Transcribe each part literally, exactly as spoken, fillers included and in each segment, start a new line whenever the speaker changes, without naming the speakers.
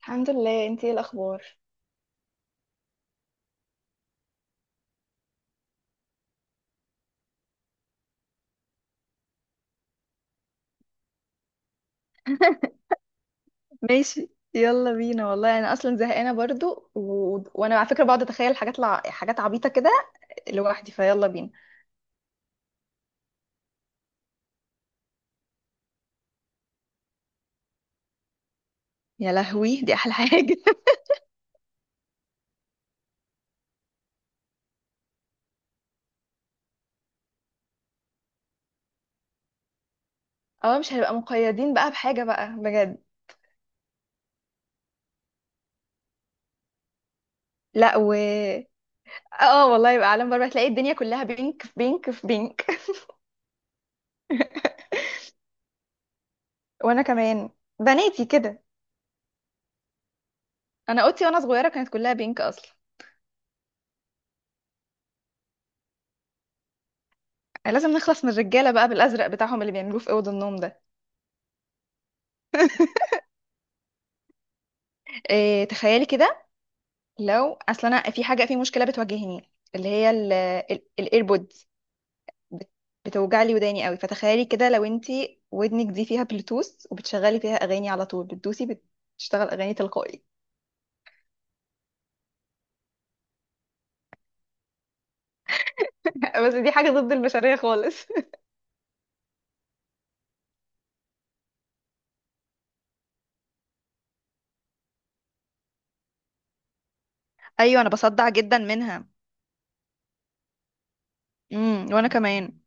الحمد لله، انتي ايه الاخبار؟ ماشي. يلا بينا والله، انا اصلا زهقانه برضو، و... وانا على فكره بقعد اتخيل حاجات لع... حاجات عبيطه كده لوحدي. فيلا بينا. يا لهوي، دي احلى حاجه! اه، مش هنبقى مقيدين بقى بحاجه بقى بجد. لا و... اه والله، يبقى عالم بره، تلاقي الدنيا كلها بينك في بينك في بينك. وانا كمان، بناتي كده. انا اوضتي وانا صغيره كانت كلها بينك اصلا. لازم نخلص من الرجاله بقى بالازرق بتاعهم اللي بيعملوه في اوض النوم ده. إيه، تخيلي كده، لو اصل انا في حاجه، في مشكله بتواجهني اللي هي الايربودز، بتوجع لي وداني قوي. فتخيلي كده لو انتي ودنك دي فيها بلوتوث وبتشغلي فيها اغاني على طول، بتدوسي، بتشتغل اغاني تلقائي. بس دي حاجة ضد البشرية خالص. ايوه، انا بصدع جدا منها. امم وانا كمان.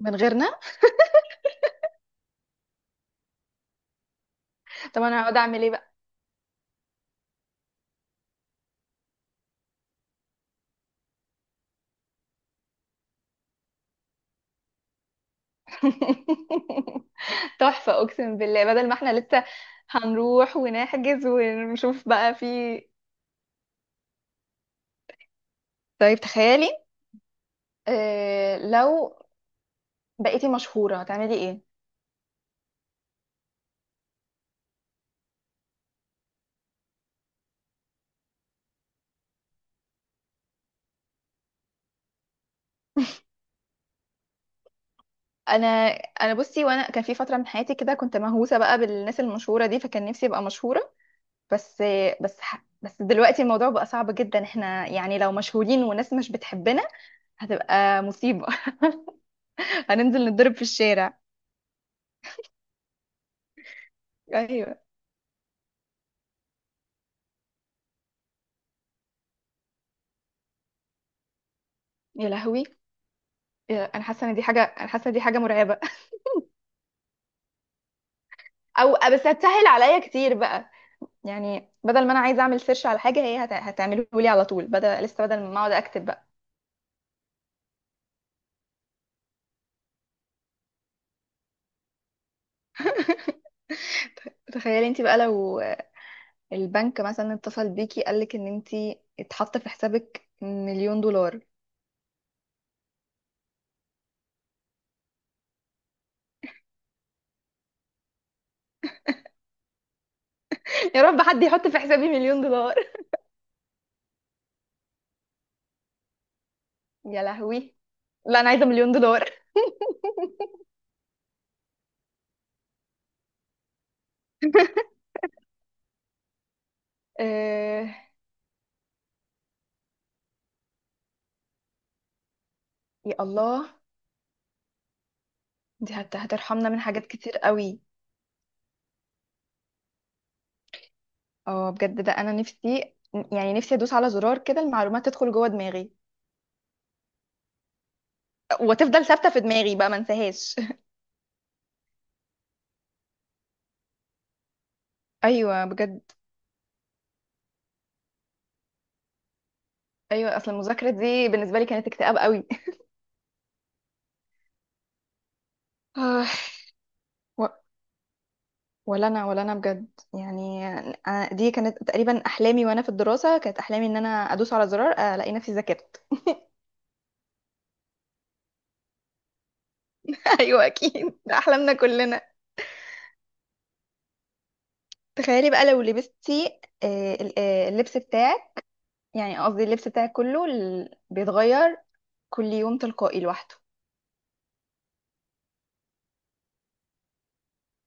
من غيرنا. طب انا هقعد اعمل ايه بقى؟ تحفة، اقسم بالله، بدل ما احنا لسه هنروح ونحجز ونشوف بقى في. طيب تخيلي، آه، لو بقيتي مشهورة هتعملي ايه؟ انا انا بصي، وانا كان في فترة من حياتي كده كنت مهووسة بقى بالناس المشهورة دي، فكان نفسي ابقى مشهورة. بس بس ح- بس دلوقتي الموضوع بقى صعب جدا. احنا يعني لو مشهورين وناس مش بتحبنا، هتبقى مصيبة. هننزل نتضرب في الشارع. ايوه. يا لهوي. يا- انا حاسة ان دي حاجة انا حاسة ان دي حاجة مرعبة. او بس هتسهل عليا كتير بقى. يعني بدل ما انا عايزة اعمل سيرش على حاجة، هي هت- هتعمله لي على طول، بدل لسه بدل ما اقعد اكتب بقى. تخيلي انت بقى لو البنك مثلا اتصل بيكي قالك ان انتي اتحط في حسابك مليون دولار. يا رب حد يحط في حسابي مليون دولار. يا لهوي. لا، انا عايزه مليون دولار. آه. يا الله، دي هت- هترحمنا من حاجات كتير قوي. اه بجد، ده انا نفسي. يعني نفسي ادوس على زرار كده، المعلومات تدخل جوه دماغي وتفضل ثابته في دماغي بقى ما انساهاش. ايوه بجد. ايوه، اصل المذاكره دي بالنسبه لي كانت اكتئاب قوي. آه. ولا انا، ولا انا بجد. يعني أنا دي كانت تقريبا احلامي، وانا في الدراسه كانت احلامي ان انا ادوس على زرار، آه، الاقي نفسي ذاكرت. ايوه اكيد، ده احلامنا كلنا. تخيلي بقى لو لبستي آه، ال- آه، اللبس بتاعك، يعني قصدي اللبس بتاعك كله ال- بيتغير كل يوم تلقائي لوحده،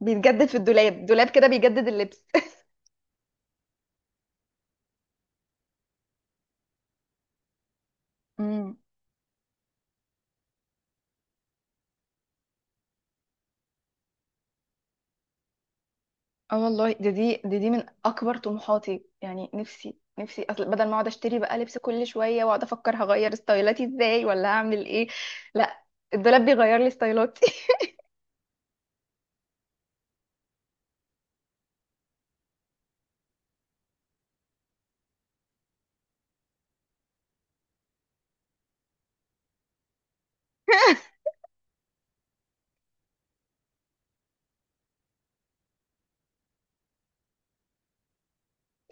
بيتجدد في الدولاب، دولاب كده بيجدد اللبس. اه والله، ده دي ده دي من اكبر طموحاتي. يعني نفسي نفسي اصل بدل ما اقعد اشتري بقى لبس كل شويه واقعد افكر هغير ستايلاتي ازاي ولا هعمل ايه. لا، الدولاب بيغير لي ستايلاتي.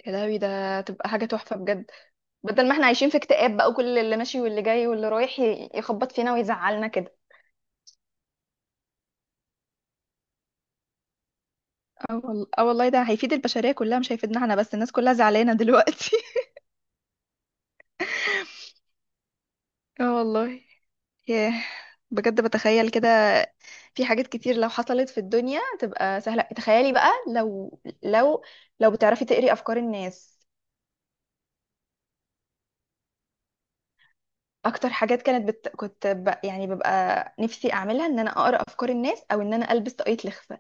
يا لهوي، ده تبقى حاجه تحفه بجد. بدل ما احنا عايشين في اكتئاب بقى، وكل اللي ماشي واللي جاي واللي رايح ي- يخبط فينا ويزعلنا كده. اه والله اه والله، ده هيفيد البشريه كلها، مش هيفيدنا احنا بس. الناس كلها زعلانه دلوقتي. اه والله. ياه. بجد بتخيل كده، في حاجات كتير لو حصلت في الدنيا تبقى سهلة. تخيلي بقى لو لو لو بتعرفي تقري أفكار الناس. أكتر حاجات كانت بت... كنت ب... يعني ببقى نفسي أعملها، إن أنا أقرأ أفكار الناس أو إن أنا ألبس طاقية لخفة.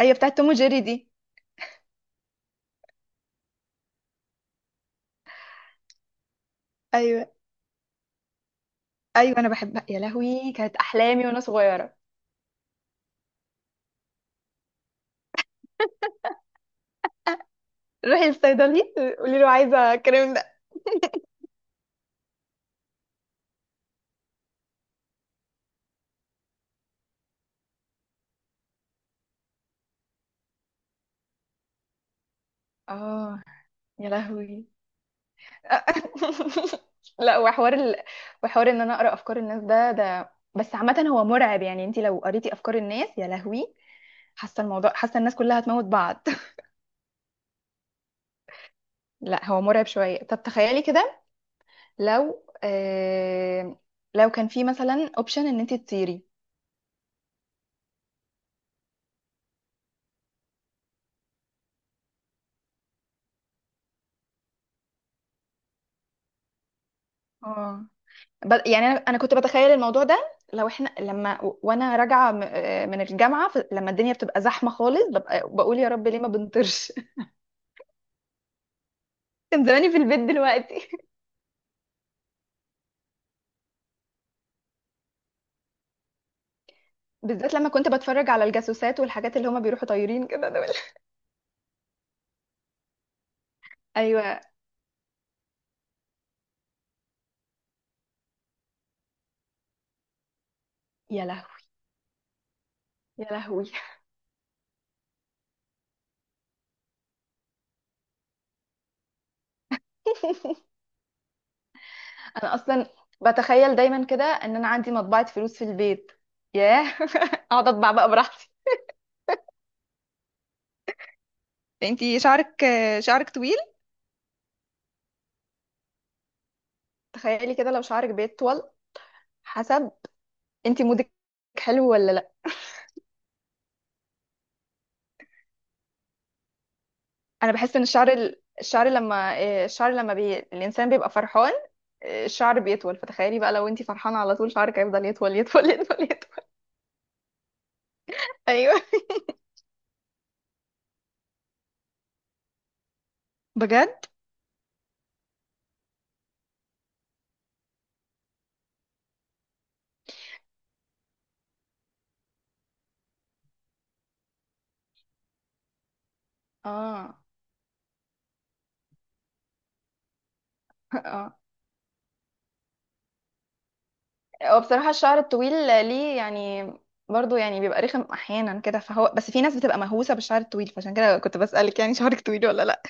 أيوة، بتاعت توم وجيري دي. أيوة، أيوة، أنا بحبها. يا لهوي، كانت أحلامي وأنا صغيرة. روحي للصيدلي، قولي له عايزة الكلام ده. آه. يا لهوي. لا، وحوار ال... وحوار ان انا اقرا افكار الناس ده ده بس عامه هو مرعب. يعني انت لو قريتي افكار الناس، يا لهوي، حاسه الموضوع حاسه الناس كلها هتموت بعض. لا، هو مرعب شويه. طب تخيلي كده، لو آه... لو كان في مثلا اوبشن ان انت تطيري. اه، ب- يعني انا انا كنت بتخيل الموضوع ده، لو احنا لما و- وانا راجعه م- آه، من الجامعه، ف- لما الدنيا بتبقى زحمه خالص، ببقى بقول يا رب ليه ما بنطرش. كان زماني في البيت دلوقتي. بالذات لما كنت بتفرج على الجاسوسات والحاجات اللي هما بيروحوا طايرين كده دول. ايوه. يا لهوي، يا لهوي. انا اصلا بتخيل دايما كده ان انا عندي مطبعة فلوس في البيت. ياه. اقعد اطبع بقى براحتي. انتي شعرك شعرك طويل. تخيلي كده لو شعرك بيطول حسب انت مودك، حلو ولا لا. انا بحس ان الشعر، ال- الشعر لما إيه، الشعر لما بي... الانسان بيبقى فرحان، إيه، الشعر بيطول. فتخيلي بقى لو انت فرحانة على طول شعرك هيفضل يطول يطول يطول يطول. ايوه بجد. اه. اه، هو بصراحة الشعر الطويل، ليه يعني برضو يعني بيبقى رخم احيانا كده. فهو بس في ناس بتبقى مهووسة بالشعر الطويل، فعشان كده كنت بسألك يعني، شعرك طويل ولا لا.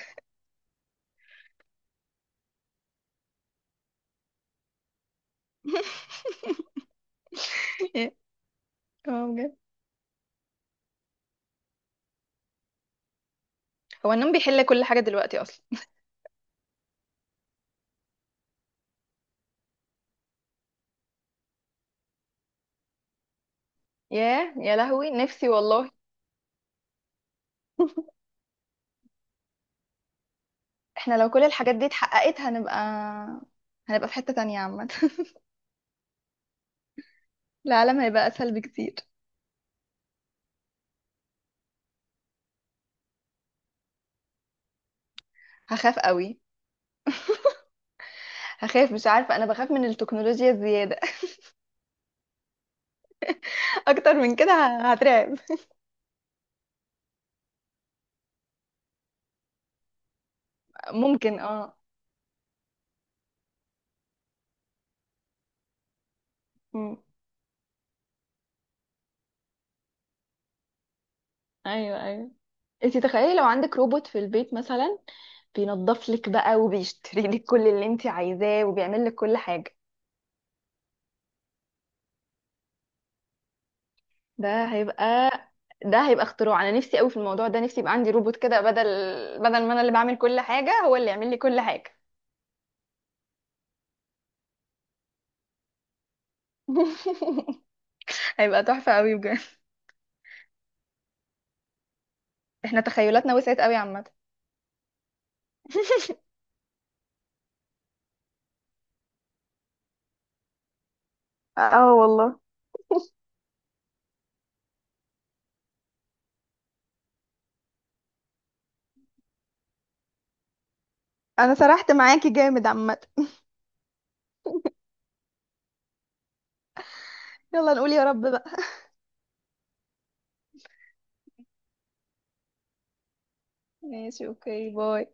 اه بجد. هو النوم بيحل كل حاجة دلوقتي اصلا. ياه، يا لهوي، نفسي والله. احنا لو كل الحاجات دي اتحققت، هنبقى هنبقى في حتة تانية عامة. العالم هيبقى اسهل بكتير. هخاف قوي. هخاف، مش عارفة، انا بخاف من التكنولوجيا الزيادة. اكتر من كده ه- هترعب. ممكن اه. ايوه، ايوه. انت تخيلي لو عندك روبوت في البيت مثلا، بينظف لك بقى وبيشتري لك كل اللي انت عايزاه وبيعمل لك كل حاجه. ده هيبقى ده هيبقى اختراع. انا نفسي قوي في الموضوع ده. نفسي يبقى عندي روبوت كده، بدل بدل ما انا اللي بعمل كل حاجه، هو اللي يعمل لي كل حاجه. هيبقى تحفه قوي بجد. احنا تخيلاتنا وسعت قوي عامه. اه والله. انا سرحت معاكي جامد عامه. يلا نقول يا رب بقى. ماشي، اوكي، باي.